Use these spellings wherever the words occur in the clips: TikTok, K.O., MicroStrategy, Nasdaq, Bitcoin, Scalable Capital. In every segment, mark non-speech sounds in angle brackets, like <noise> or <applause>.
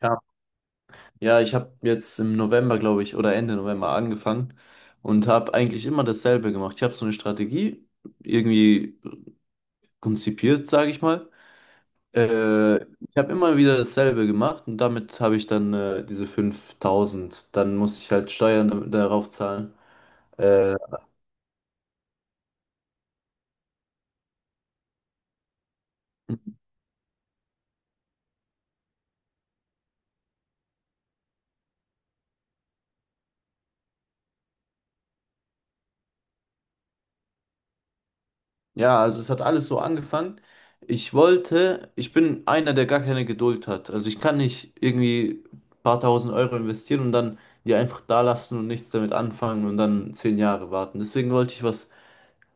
Ja, ja, ich habe jetzt im November, glaube ich, oder Ende November angefangen und habe eigentlich immer dasselbe gemacht. Ich habe so eine Strategie irgendwie konzipiert, sage ich mal. Ich habe immer wieder dasselbe gemacht und damit habe ich dann diese 5.000. Dann muss ich halt Steuern darauf zahlen. Äh, Ja, also es hat alles so angefangen. Ich wollte, ich bin einer, der gar keine Geduld hat. Also ich kann nicht irgendwie ein paar tausend Euro investieren und dann die einfach da lassen und nichts damit anfangen und dann 10 Jahre warten. Deswegen wollte ich was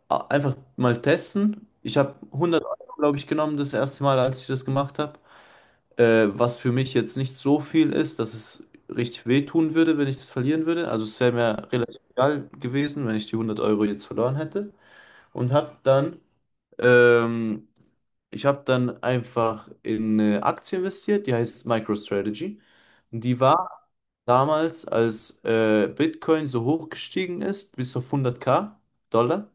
einfach mal testen. Ich habe 100 Euro, glaube ich, genommen das erste Mal, als ich das gemacht habe. Was für mich jetzt nicht so viel ist, dass es richtig wehtun würde, wenn ich das verlieren würde. Also es wäre mir relativ egal gewesen, wenn ich die 100 Euro jetzt verloren hätte. Und habe dann, ähm, ich habe dann einfach in eine Aktie investiert, die heißt MicroStrategy. Und die war damals, als Bitcoin so hoch gestiegen ist, bis auf 100k Dollar.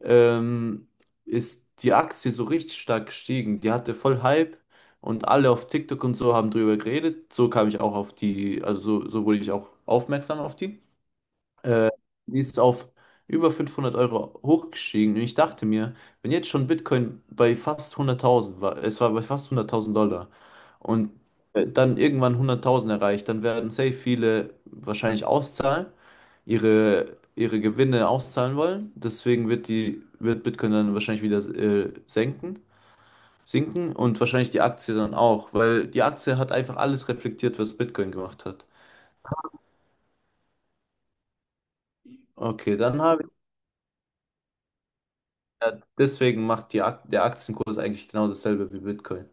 ähm, Ist die Aktie so richtig stark gestiegen. Die hatte voll Hype und alle auf TikTok und so haben drüber geredet. So kam ich auch auf die, also so wurde ich auch aufmerksam auf die. äh, Die ist auf über 500 Euro hochgestiegen. Und ich dachte mir, wenn jetzt schon Bitcoin bei fast 100.000 war, es war bei fast 100.000 Dollar und dann irgendwann 100.000 erreicht, dann werden safe viele wahrscheinlich auszahlen, ihre Gewinne auszahlen wollen. Deswegen wird wird Bitcoin dann wahrscheinlich wieder senken. Sinken und wahrscheinlich die Aktie dann auch, weil die Aktie hat einfach alles reflektiert, was Bitcoin gemacht hat. Okay, dann habe. Ja, deswegen macht die Ak der Aktienkurs eigentlich genau dasselbe wie Bitcoin.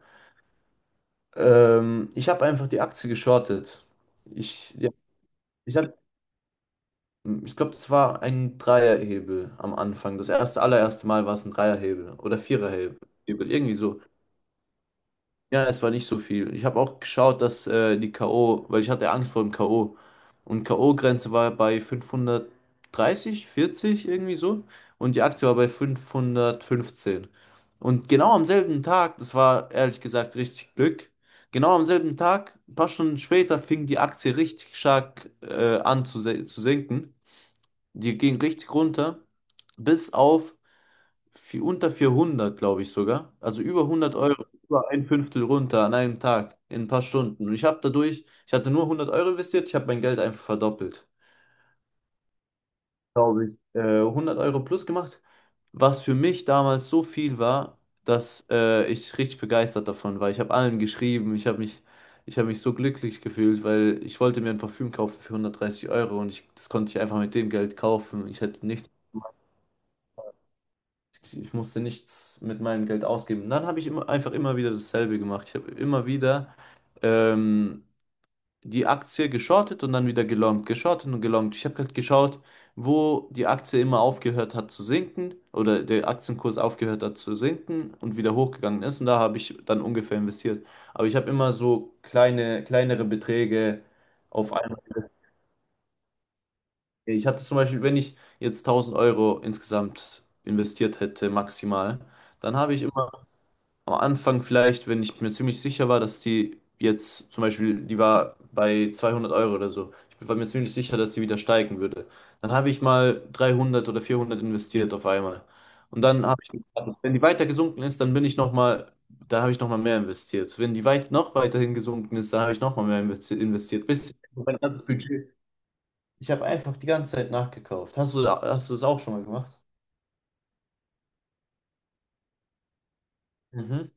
Ich habe einfach die Aktie geschortet. Ich, ja, ich hab, ich glaube, das war ein Dreierhebel am Anfang. Das erste, allererste Mal war es ein Dreierhebel oder Viererhebel, irgendwie so. Ja, es war nicht so viel. Ich habe auch geschaut, dass die K.O., weil ich hatte Angst vor dem K.O. Und K.O.-Grenze war bei 530, 40 irgendwie so. Und die Aktie war bei 515. Und genau am selben Tag, das war ehrlich gesagt richtig Glück, genau am selben Tag, ein paar Stunden später, fing die Aktie richtig stark an zu sinken. Die ging richtig runter, bis auf viel, unter 400, glaube ich sogar. Also über 100 Euro, über ein Fünftel runter an einem Tag, in ein paar Stunden. Und ich habe dadurch, ich hatte nur 100 Euro investiert, ich habe mein Geld einfach verdoppelt. Glaube ich. 100 Euro plus gemacht, was für mich damals so viel war, dass ich richtig begeistert davon war. Ich habe allen geschrieben, ich habe mich so glücklich gefühlt, weil ich wollte mir ein Parfüm kaufen für 130 Euro und das konnte ich einfach mit dem Geld kaufen. Ich hätte nichts. Ich musste nichts mit meinem Geld ausgeben. Und dann habe ich einfach immer wieder dasselbe gemacht. Ich habe immer wieder ähm, die Aktie geschortet und dann wieder gelongt, geschortet und gelongt. Ich habe halt geschaut, wo die Aktie immer aufgehört hat zu sinken oder der Aktienkurs aufgehört hat zu sinken und wieder hochgegangen ist. Und da habe ich dann ungefähr investiert. Aber ich habe immer so kleine, kleinere Beträge auf einmal. Ich hatte zum Beispiel, wenn ich jetzt 1.000 Euro insgesamt investiert hätte, maximal, dann habe ich immer am Anfang vielleicht, wenn ich mir ziemlich sicher war, dass die jetzt zum Beispiel, die war bei 200 Euro oder so. Ich war mir ziemlich sicher, dass die wieder steigen würde. Dann habe ich mal 300 oder 400 investiert auf einmal. Und dann habe ich gewartet. Wenn die weiter gesunken ist, dann bin ich noch mal, da habe ich noch mal mehr investiert. Wenn die weit noch weiterhin gesunken ist, dann habe ich noch mal mehr investiert. Bis mein ganzes Budget. Ich habe einfach die ganze Zeit nachgekauft. Hast du das auch schon mal gemacht? Mhm.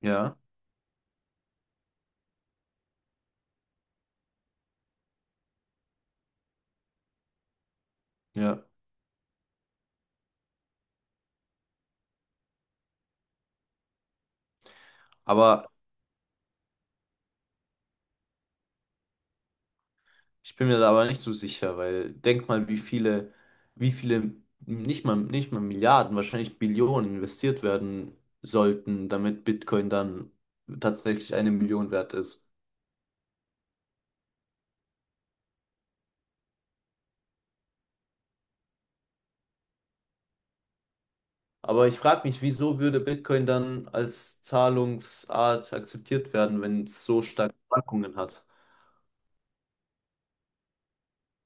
Ja, ja. Aber Ich bin mir da aber nicht so sicher, weil denk mal, wie viele, nicht mal Milliarden, wahrscheinlich Billionen investiert werden sollten, damit Bitcoin dann tatsächlich 1 Million wert ist. Aber ich frage mich, wieso würde Bitcoin dann als Zahlungsart akzeptiert werden, wenn es so starke Schwankungen hat?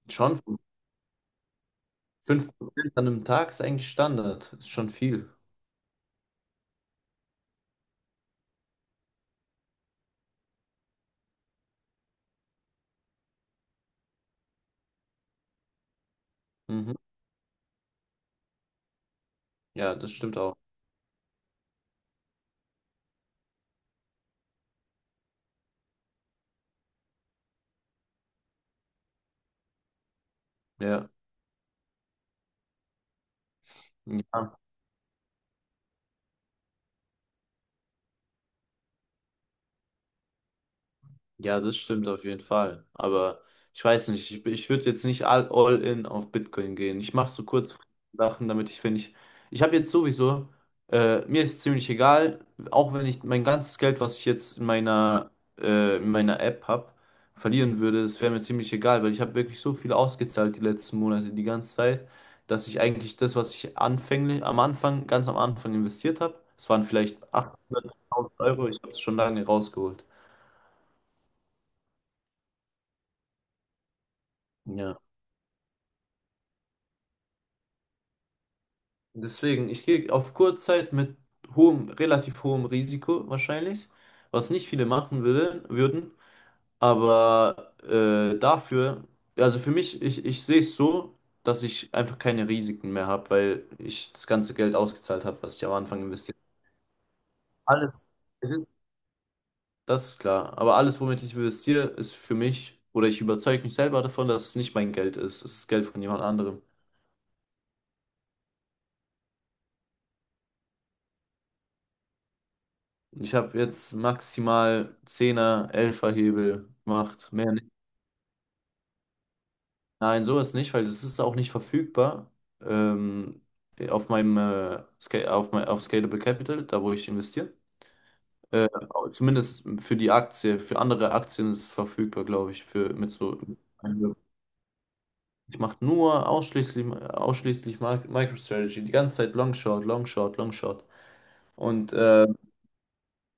Schon 5% an einem Tag ist eigentlich Standard. Ist schon viel. Mhm. Ja, das stimmt auch. Ja. Ja. Ja, das stimmt auf jeden Fall. Aber ich weiß nicht, ich würde jetzt nicht all in auf Bitcoin gehen. Ich mache so kurz Sachen, damit ich, wenn ich habe jetzt sowieso, mir ist ziemlich egal, auch wenn ich mein ganzes Geld, was ich jetzt in meiner App habe, verlieren würde, das wäre mir ziemlich egal, weil ich habe wirklich so viel ausgezahlt die letzten Monate, die ganze Zeit, dass ich eigentlich das, was ich anfänglich, am Anfang, ganz am Anfang investiert habe, es waren vielleicht 800.000 Euro, ich habe es schon lange rausgeholt. Ja. Deswegen, ich gehe auf Kurzzeit mit hohem, relativ hohem Risiko wahrscheinlich, was nicht viele machen würde, würden, aber dafür, also für mich, ich sehe es so, dass ich einfach keine Risiken mehr habe, weil ich das ganze Geld ausgezahlt habe, was ich am Anfang investiert habe. Alles. Es ist, das ist klar, aber alles, womit ich investiere, ist für mich, oder ich überzeuge mich selber davon, dass es nicht mein Geld ist, es ist Geld von jemand anderem. Ich habe jetzt maximal zehner er Hebel gemacht, mehr nicht. Nein, sowas nicht, weil das ist auch nicht verfügbar. Ähm, auf meinem Sca- auf, mein, auf Scalable Capital, da wo ich investiere. Äh, Zumindest für die Aktie, für andere Aktien ist es verfügbar, glaube ich, für mit so. Ich mache nur ausschließlich MicroStrategy, die ganze Zeit Long Short, Long Short, Long Short. Und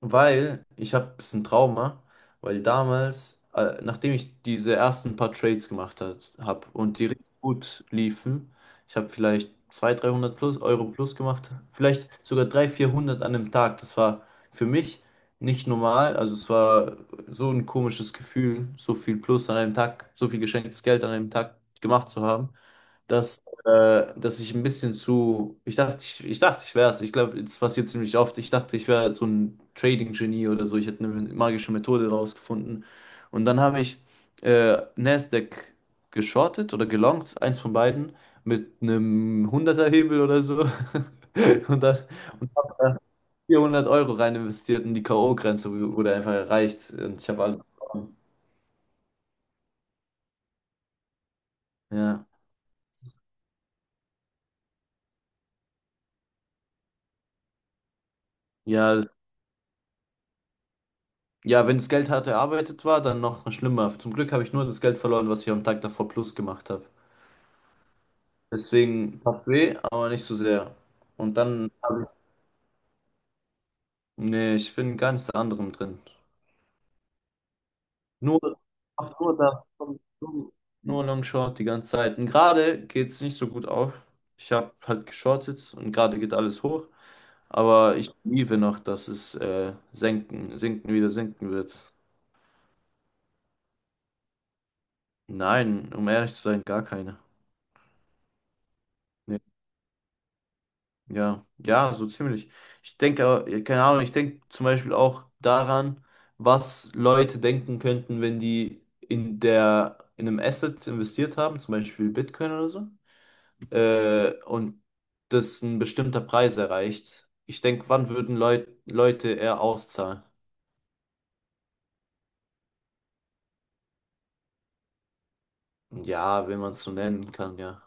weil ich habe ein bisschen Trauma, weil damals, nachdem ich diese ersten paar Trades gemacht habe und die richtig gut liefen, ich habe vielleicht 200, 300 plus, Euro plus gemacht, vielleicht sogar 300, 400 an einem Tag. Das war für mich nicht normal. Also es war so ein komisches Gefühl, so viel plus an einem Tag, so viel geschenktes Geld an einem Tag gemacht zu haben, dass dass ich ein bisschen zu, ich dachte, ich wäre es. Ich glaube, es passiert ziemlich oft. Ich dachte, ich wäre so ein Trading-Genie oder so. Ich hätte eine magische Methode rausgefunden. Und dann habe ich Nasdaq geschortet oder gelongt, eins von beiden, mit einem hunderter hebel oder so. <laughs> Und dann habe da 400 Euro rein investiert und die K.O.-Grenze wurde einfach erreicht. Und ich habe alles verloren. Ja. Ja. Ja, wenn das Geld hart erarbeitet war, dann noch schlimmer. Zum Glück habe ich nur das Geld verloren, was ich am Tag davor plus gemacht habe. Deswegen tat weh, aber nicht so sehr. Und dann habe ich. Nee, ich bin gar nichts anderem drin. Nur, ach, nur das, nur Long Short die ganze Zeit. Und gerade geht es nicht so gut auf. Ich habe halt geschortet und gerade geht alles hoch. Aber ich liebe noch, dass es senken, sinken wieder sinken wird. Nein, um ehrlich zu sein, gar keine. Nee. Ja, ja, so ziemlich. Ich denke, ja, keine Ahnung, ich denke zum Beispiel auch daran, was Leute denken könnten, wenn die in einem Asset investiert haben, zum Beispiel Bitcoin oder so, und das ein bestimmter Preis erreicht. Ich denke, wann würden Leute eher auszahlen? Ja, wenn man es so nennen kann, ja.